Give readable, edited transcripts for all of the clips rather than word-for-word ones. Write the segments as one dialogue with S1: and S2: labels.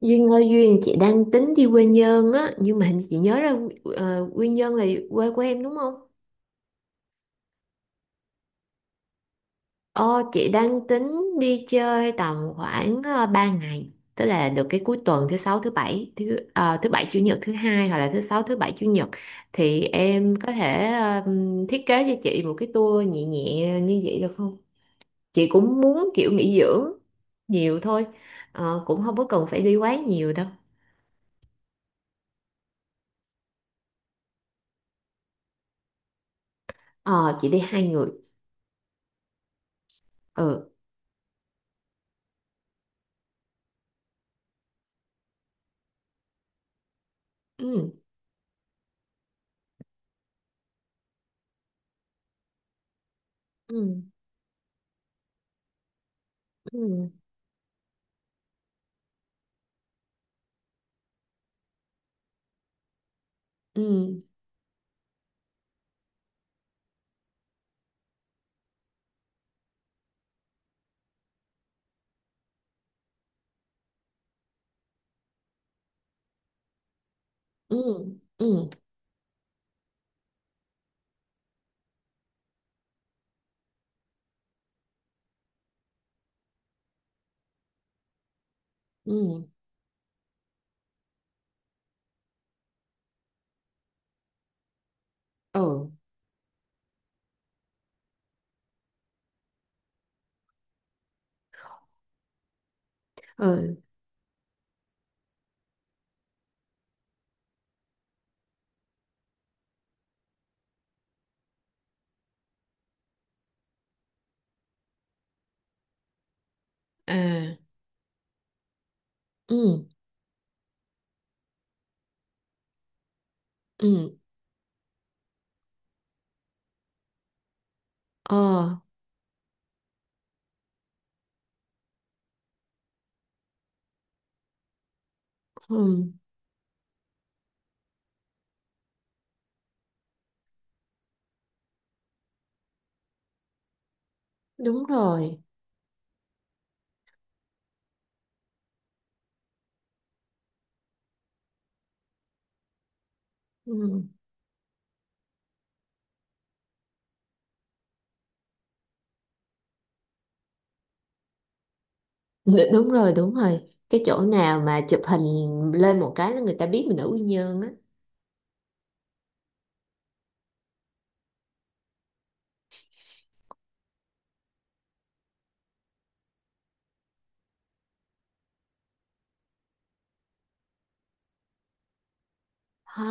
S1: Duyên ơi Duyên, chị đang tính đi quê Nhơn á, nhưng mà hình như chị nhớ ra quê Nhơn là quê của em đúng không? Ờ chị đang tính đi chơi tầm khoảng 3 ngày, tức là được cái cuối tuần thứ sáu thứ bảy thứ bảy chủ nhật thứ hai, hoặc là thứ sáu thứ bảy chủ nhật, thì em có thể thiết kế cho chị một cái tour nhẹ nhẹ như vậy được không? Chị cũng muốn kiểu nghỉ dưỡng nhiều thôi. Cũng không có cần phải đi quá nhiều đâu. Ờ chị đi 2 người. Ừ. Ừ. Ừ. Ừ, ừ, ừ, ừ, ừ, ờ, ờ, à, ừ, ừ, ờ, ừ. Đúng rồi. Ừ. Đúng rồi, đúng rồi, cái chỗ nào mà chụp hình lên một cái là người ta biết mình ở Quy Nhơn á. Ha.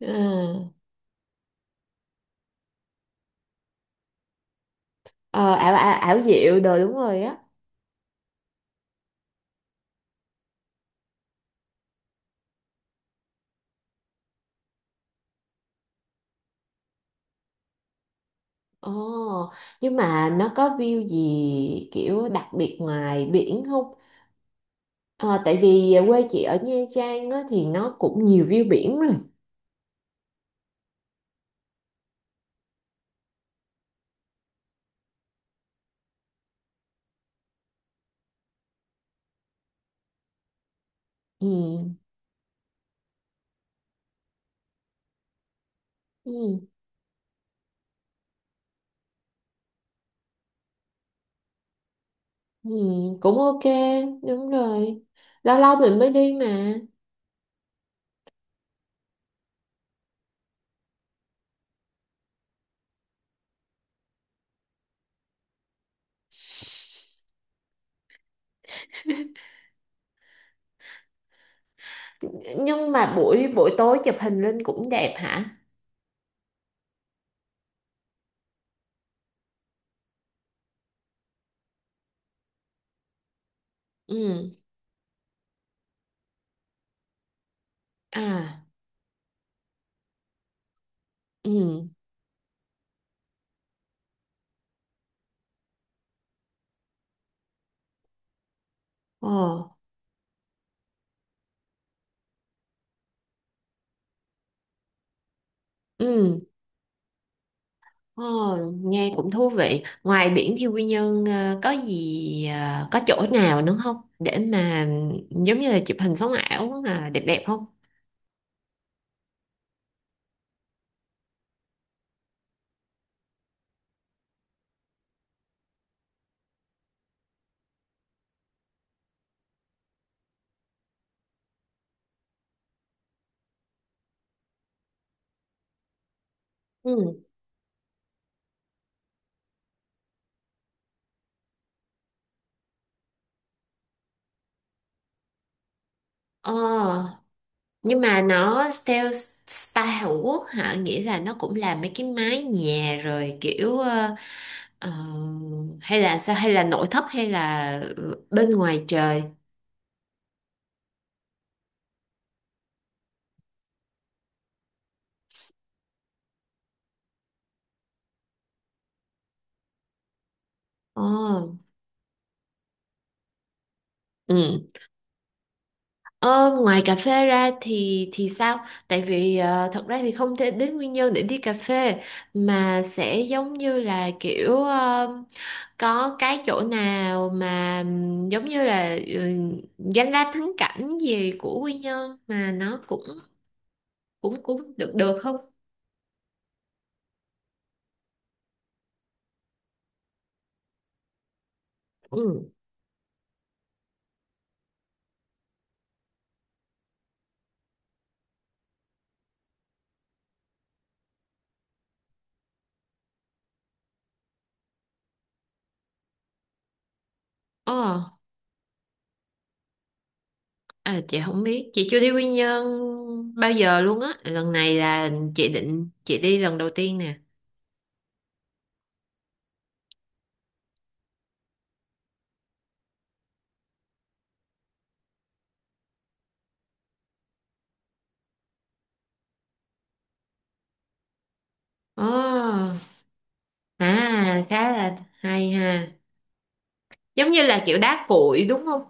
S1: Ừ. ờ ảo, ảo ảo diệu đồ, đúng rồi á. Ồ, nhưng mà nó có view gì kiểu đặc biệt ngoài biển không? Ờ, tại vì quê chị ở Nha Trang á, thì nó cũng nhiều view biển rồi. Ừ. Ừ, ừ, cũng ok, đúng rồi, lâu lâu mình mới đi mà. Nhưng mà buổi buổi tối chụp hình lên cũng đẹp hả? Ừ. À. Ừ. Ờ. Ừ. Ờ, nghe cũng thú vị. Ngoài biển thì Quy Nhơn có gì, có chỗ nào nữa không để mà giống như là chụp hình sống ảo mà đẹp đẹp không? Ừ. Ờ, nhưng mà nó theo style Hàn Quốc hả, nghĩa là nó cũng làm mấy cái mái nhà rồi kiểu ờ, hay là sao, hay là nội thất, hay là bên ngoài trời? Ồ. Ừ. Ờ, ngoài cà phê ra thì sao? Tại vì thật ra thì không thể đến nguyên nhân để đi cà phê, mà sẽ giống như là kiểu có cái chỗ nào mà giống như là danh lam thắng cảnh gì của Quy Nhơn mà nó cũng cũng cũng được được không? Ừ. Ờ, à, chị không biết, chị chưa đi Quy Nhơn bao giờ luôn á. Lần này là chị định chị đi lần đầu tiên nè. Ờ, à khá là hay ha. Giống như là kiểu đá cuội đúng không?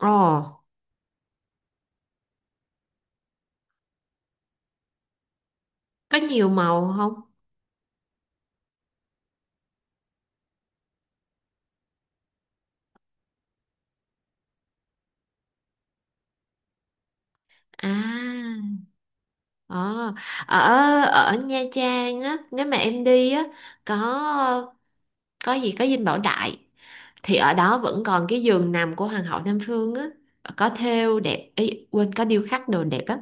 S1: Ồ, có nhiều màu không? À. Ờ. Ở ở Nha Trang á, nếu mà em đi á, có có gì có Dinh Bảo Đại thì ở đó vẫn còn cái giường nằm của Hoàng hậu Nam Phương á, có thêu đẹp, ý quên, có điêu khắc đồ đẹp lắm.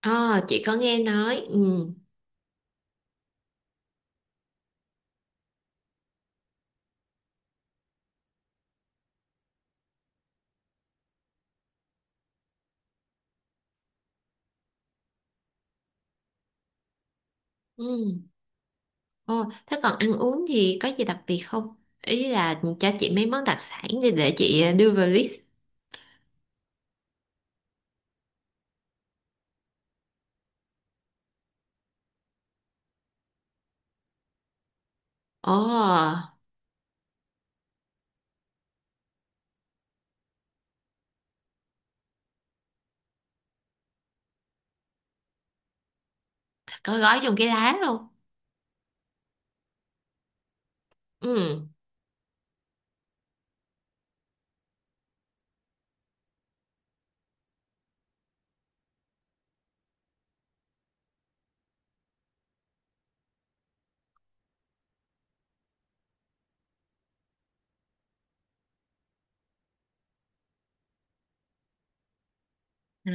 S1: Ờ chị có nghe nói. Ừ. Ừ. Ồ, thế còn ăn uống thì có gì đặc biệt không? Ý là cho chị mấy món đặc sản để chị đưa vào list. Ồ, có gói trong cái lá luôn. Ừ. Ừ.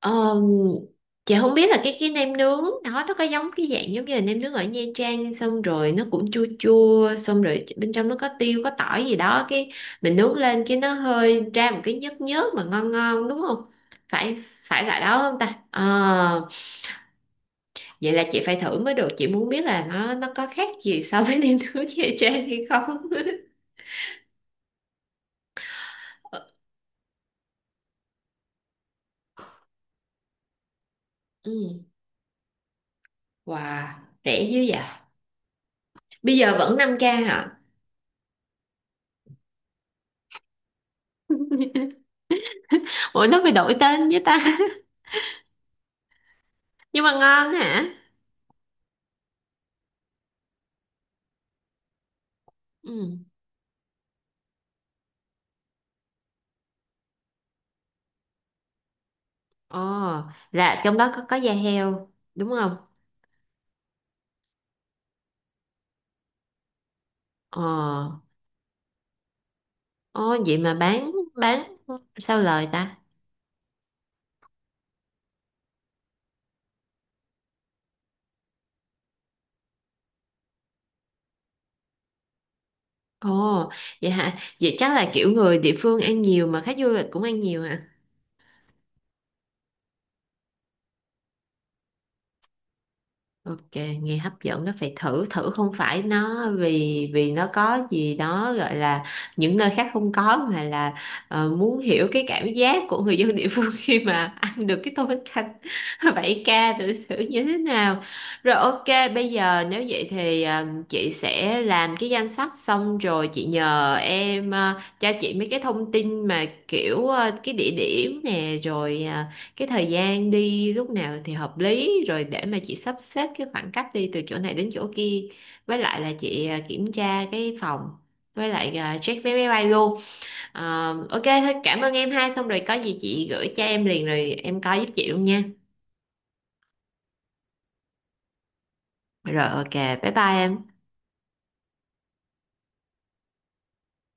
S1: Ờm, chị không biết là cái nem nướng nó có giống cái dạng giống như là nem nướng ở Nha Trang, xong rồi nó cũng chua chua, xong rồi bên trong nó có tiêu có tỏi gì đó, cái mình nướng lên cái nó hơi ra một cái nhớt nhớt mà ngon ngon đúng không? Phải phải là đó không ta? Ờ, vậy là chị phải thử mới được, chị muốn biết là nó có khác gì so với nem nướng Nha Trang hay không. Ừ. Wow, rẻ dữ vậy. Bây giờ vẫn 5k hả? Ủa nó phải đổi tên với ta? Nhưng mà ngon hả? Ừ. Ồ, là trong đó có da heo đúng không? Ồ. Ồ, vậy mà bán sao lời ta? Ồ, vậy hả? Vậy chắc là kiểu người địa phương ăn nhiều, mà khách du lịch cũng ăn nhiều hả? Ok, nghe hấp dẫn, nó phải thử thử không phải nó, vì vì nó có gì đó gọi là những nơi khác không có, mà là muốn hiểu cái cảm giác của người dân địa phương khi mà ăn được cái tô bánh canh 7k thử thử như thế nào. Rồi ok, bây giờ nếu vậy thì chị sẽ làm cái danh sách xong rồi chị nhờ em cho chị mấy cái thông tin mà kiểu cái địa điểm nè, rồi cái thời gian đi lúc nào thì hợp lý, rồi để mà chị sắp xếp cái khoảng cách đi từ chỗ này đến chỗ kia, với lại là chị kiểm tra cái phòng, với lại check vé máy bay luôn. Ok thôi, cảm ơn em ha, xong rồi có gì chị gửi cho em liền rồi em coi giúp chị luôn nha. Rồi ok, bye bye em.